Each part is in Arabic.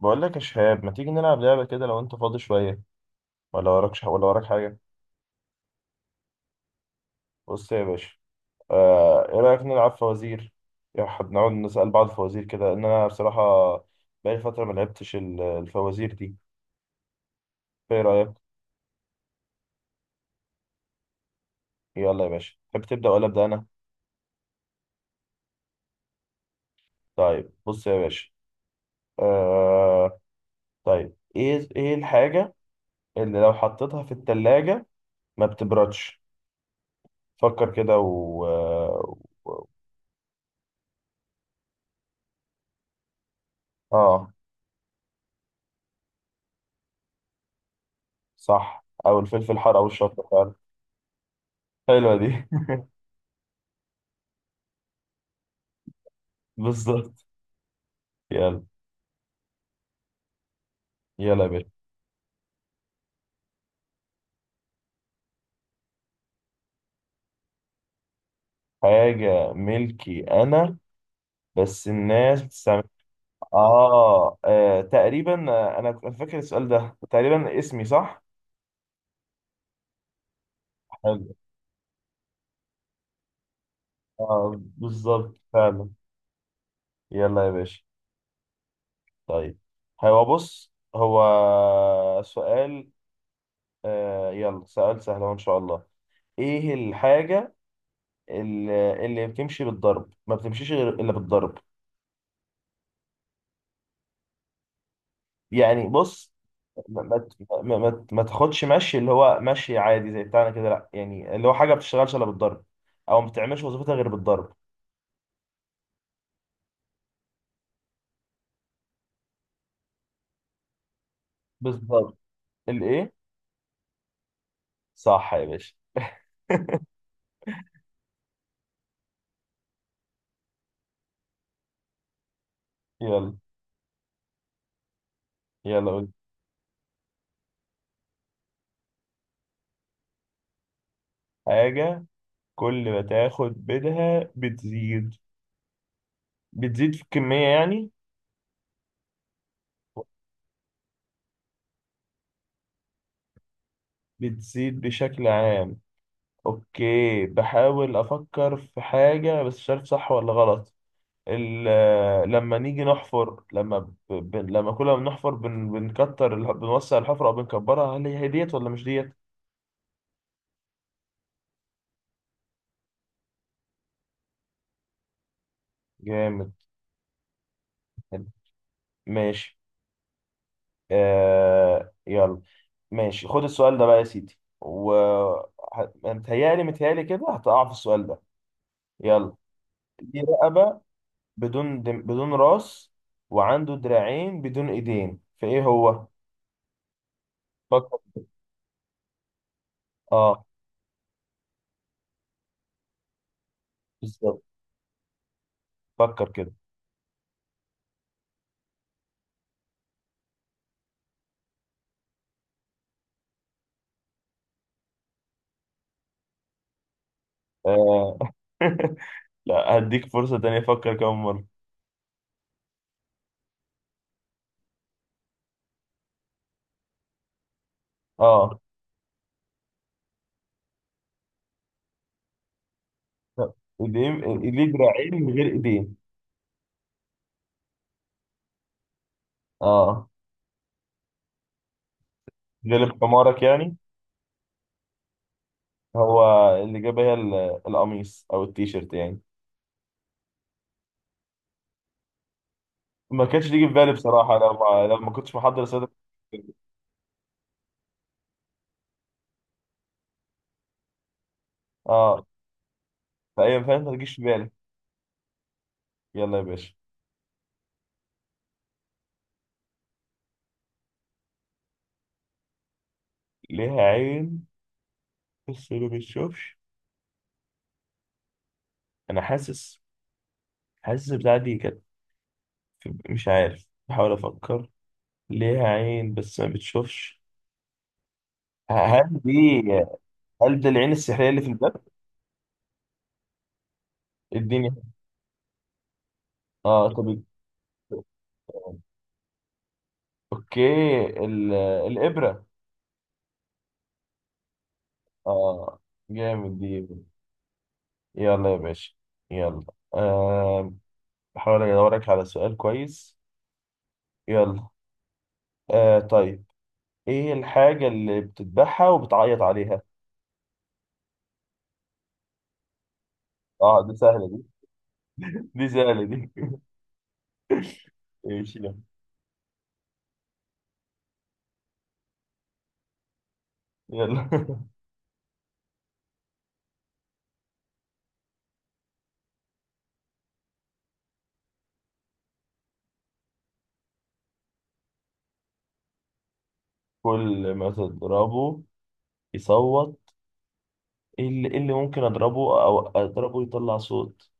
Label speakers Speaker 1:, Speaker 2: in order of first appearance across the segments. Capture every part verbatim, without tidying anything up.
Speaker 1: بقول لك يا شهاب، ما تيجي نلعب لعبة كده لو انت فاضي شوية؟ ولا وراكش، ولا وراك حاجة؟ بص يا باشا. آه ايه رأيك نلعب فوازير؟ يا ح- نقعد نسأل بعض فوازير كده، ان انا بصراحة بقالي فترة ما لعبتش ال- الفوازير دي. ايه رأيك؟ يلا يا باشا، تحب تبدأ ولا أبدأ انا؟ طيب بص يا باشا. آه طيب، ايه ايه الحاجة اللي لو حطيتها في التلاجة ما بتبردش؟ فكر كده و اه، صح، او الفلفل الحار او الشطة فعلا. حلوة دي. بالظبط. يلا. يلا يا باشا. حاجة ملكي أنا؟ بس الناس بتستعمل. آه, آه تقريبا، آه، أنا كنت فاكر السؤال ده تقريبا اسمي، صح؟ حلو. آه بالظبط فعلا. يلا يا باشا. طيب. هو بص هو سؤال. آه يلا، سؤال سهل أهو إن شاء الله. إيه الحاجة اللي, اللي بتمشي بالضرب، ما بتمشيش غير إلا بالضرب؟ يعني بص، ما ما ما ما ما تاخدش مشي اللي هو مشي عادي زي بتاعنا كده، لا، يعني اللي هو حاجه ما بتشتغلش الا بالضرب، او ما بتعملش وظيفتها غير بالضرب. بالضبط. الايه؟ صح يا باشا. يلا. يلا قول. حاجه كل ما تاخد منها بتزيد؟ بتزيد في الكميه يعني؟ بتزيد بشكل عام. اوكي، بحاول افكر في حاجه بس مش عارف صح ولا غلط. ال- لما نيجي نحفر، لما ب... ب... لما كل ما بنحفر بن... بنكتر ال- بنوسع الحفرة أو بنكبرها، هل هي هي ديت ولا مش ديت؟ جامد. حلو. ماشي. آه... يلا. ماشي، خد السؤال ده بقى يا سيدي، و ه- متهيألي متهيألي كده هتقع في السؤال ده. يلا. دي رقبة بدون دم... بدون راس، وعنده دراعين بدون ايدين، فايه هو؟ فكر. اه، بالظبط. فكر كده. آه. لا، هديك فرصة تانية أفكر كمان مرة. اه، طب، ايدين، ليه دراعين من غير ايدين. اه، غلب حمارك يعني. هو اللي جاب هي ال- القميص او التيشيرت يعني. ما كانش تيجي في بالي بصراحة، لو ما لو ما كنتش محضر سادة. اه، فأي فعلا ما تجيش في بالي. يلا يا باشا. ليها عين بس ما بتشوفش؟ انا حاسس. حاسس البتاعة دي كانت في- مش عارف، بحاول افكر. ليها عين بس ما بتشوفش. هل دي، هل ده العين السحرية اللي في الباب؟ اديني. اه، طب، اوكي، ال... الابره. اه، جامد دي. يلا يا باشا. يلا. آه بحاول ادورك على سؤال كويس. يلا. آه طيب، ايه الحاجه اللي بتذبحها وبتعيط عليها؟ اه، دي سهله دي. دي سهله دي. ايش ده؟ يلا. كل ما تضربه يصوت؟ ايه اللي, إيه اللي ممكن اضربه او اضربه يطلع صوت؟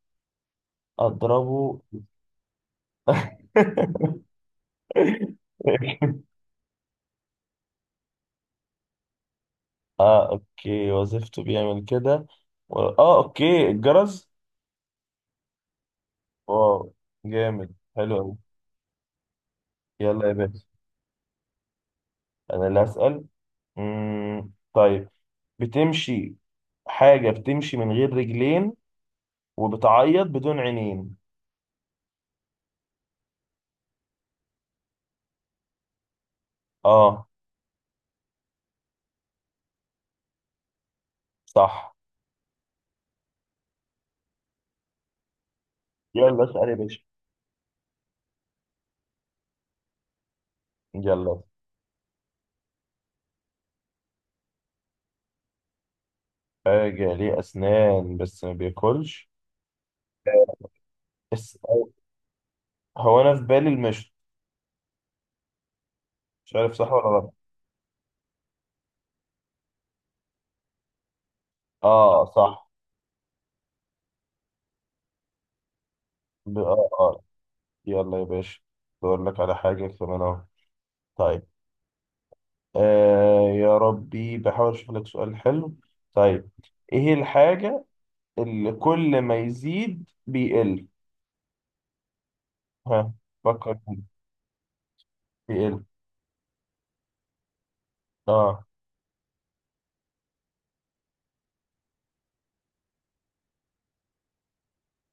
Speaker 1: اضربه. اه، اوكي، وظيفته بيعمل كده. و... اه، اوكي، الجرس. واو. جامد. حلو قوي. يلا يا باشا. انا اللي هسأل. مم. طيب. بتمشي، حاجة بتمشي من غير رجلين وبتعيط بدون عينين. اه، صح. يلا، اسأل يا باشا. يلا. حاجة ليه أسنان بس ما بياكلش؟ بس. هو أنا في بالي المشط، مش عارف صح ولا غلط. اه، صح. ب... اه اه يلا يا باشا. بقول لك على حاجة كمان اهو. طيب. آه يا ربي، بحاول اشوف لك سؤال حلو. طيب. ايه الحاجة اللي كل ما يزيد بيقل؟ ها، فكر كده. بيقل. اه،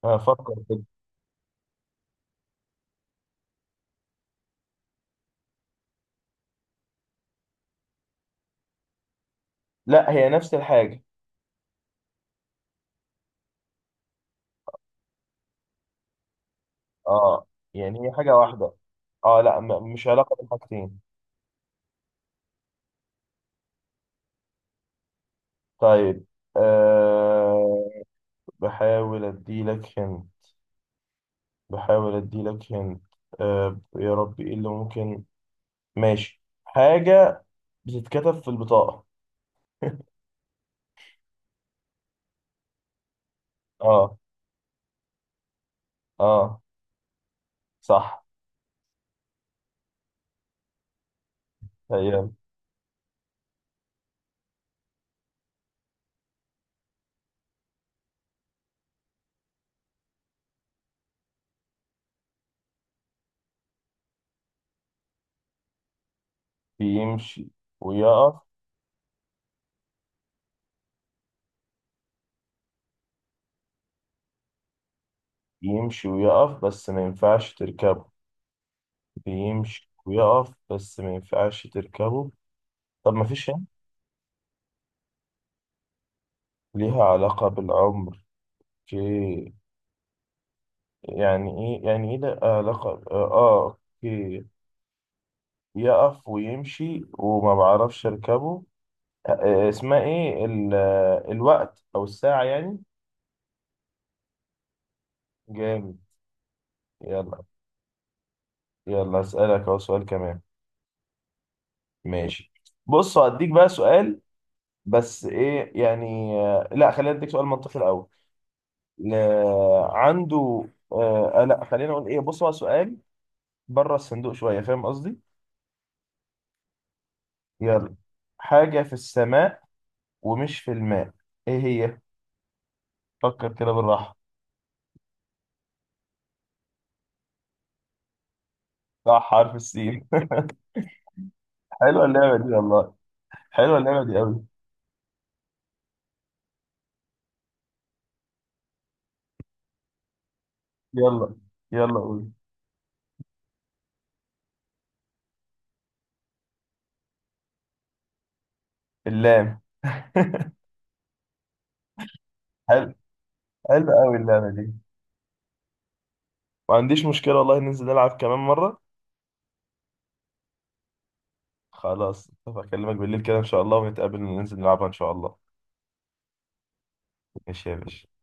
Speaker 1: ها، فكر كده. لا، هي نفس الحاجة. اه، يعني هي حاجة واحدة. اه، لا، م- مش علاقة بالحاجتين. طيب. آه بحاول اديلك هن بحاول اديلك هن. آه يا ربي، ايه اللي ممكن؟ ماشي، حاجة بتتكتب في البطاقة. اه. اه. صح. هي بيمشي ويقف، يمشي ويقف بس ما ينفعش تركبه. بيمشي ويقف بس ما ينفعش تركبه. طب، ما فيش يعني. ليها علاقة بالعمر؟ اوكي، يعني، ايه يعني ايه ده علاقة، اه، اوكي. يقف ويمشي وما بعرفش اركبه. آه، آه، اسمها ايه ال... آه، الوقت او الساعة يعني. جامد. يلا. يلا اسألك اهو سؤال كمان. ماشي. بص، هديك بقى سؤال. بس ايه يعني، آه، لا، خلينا اديك سؤال منطقي الاول. ل- عنده، آه آه، لا، خلينا نقول ايه، بص هو سؤال بره الصندوق شويه، فاهم قصدي؟ يلا. حاجه في السماء ومش في الماء، ايه هي؟ فكر كده بالراحه. صح، حرف السين. حلوه اللعبه دي والله. حلوه اللعبه دي قوي. يلا. يلا قول. اللام. حلو. حلو قوي اللعبه دي. ما عنديش مشكله والله، ننزل نلعب كمان مره. خلاص، اكلمك بالليل كده ان شاء الله، ونتقابل وننزل نلعبها ان شاء الله. ماشي يا باشا.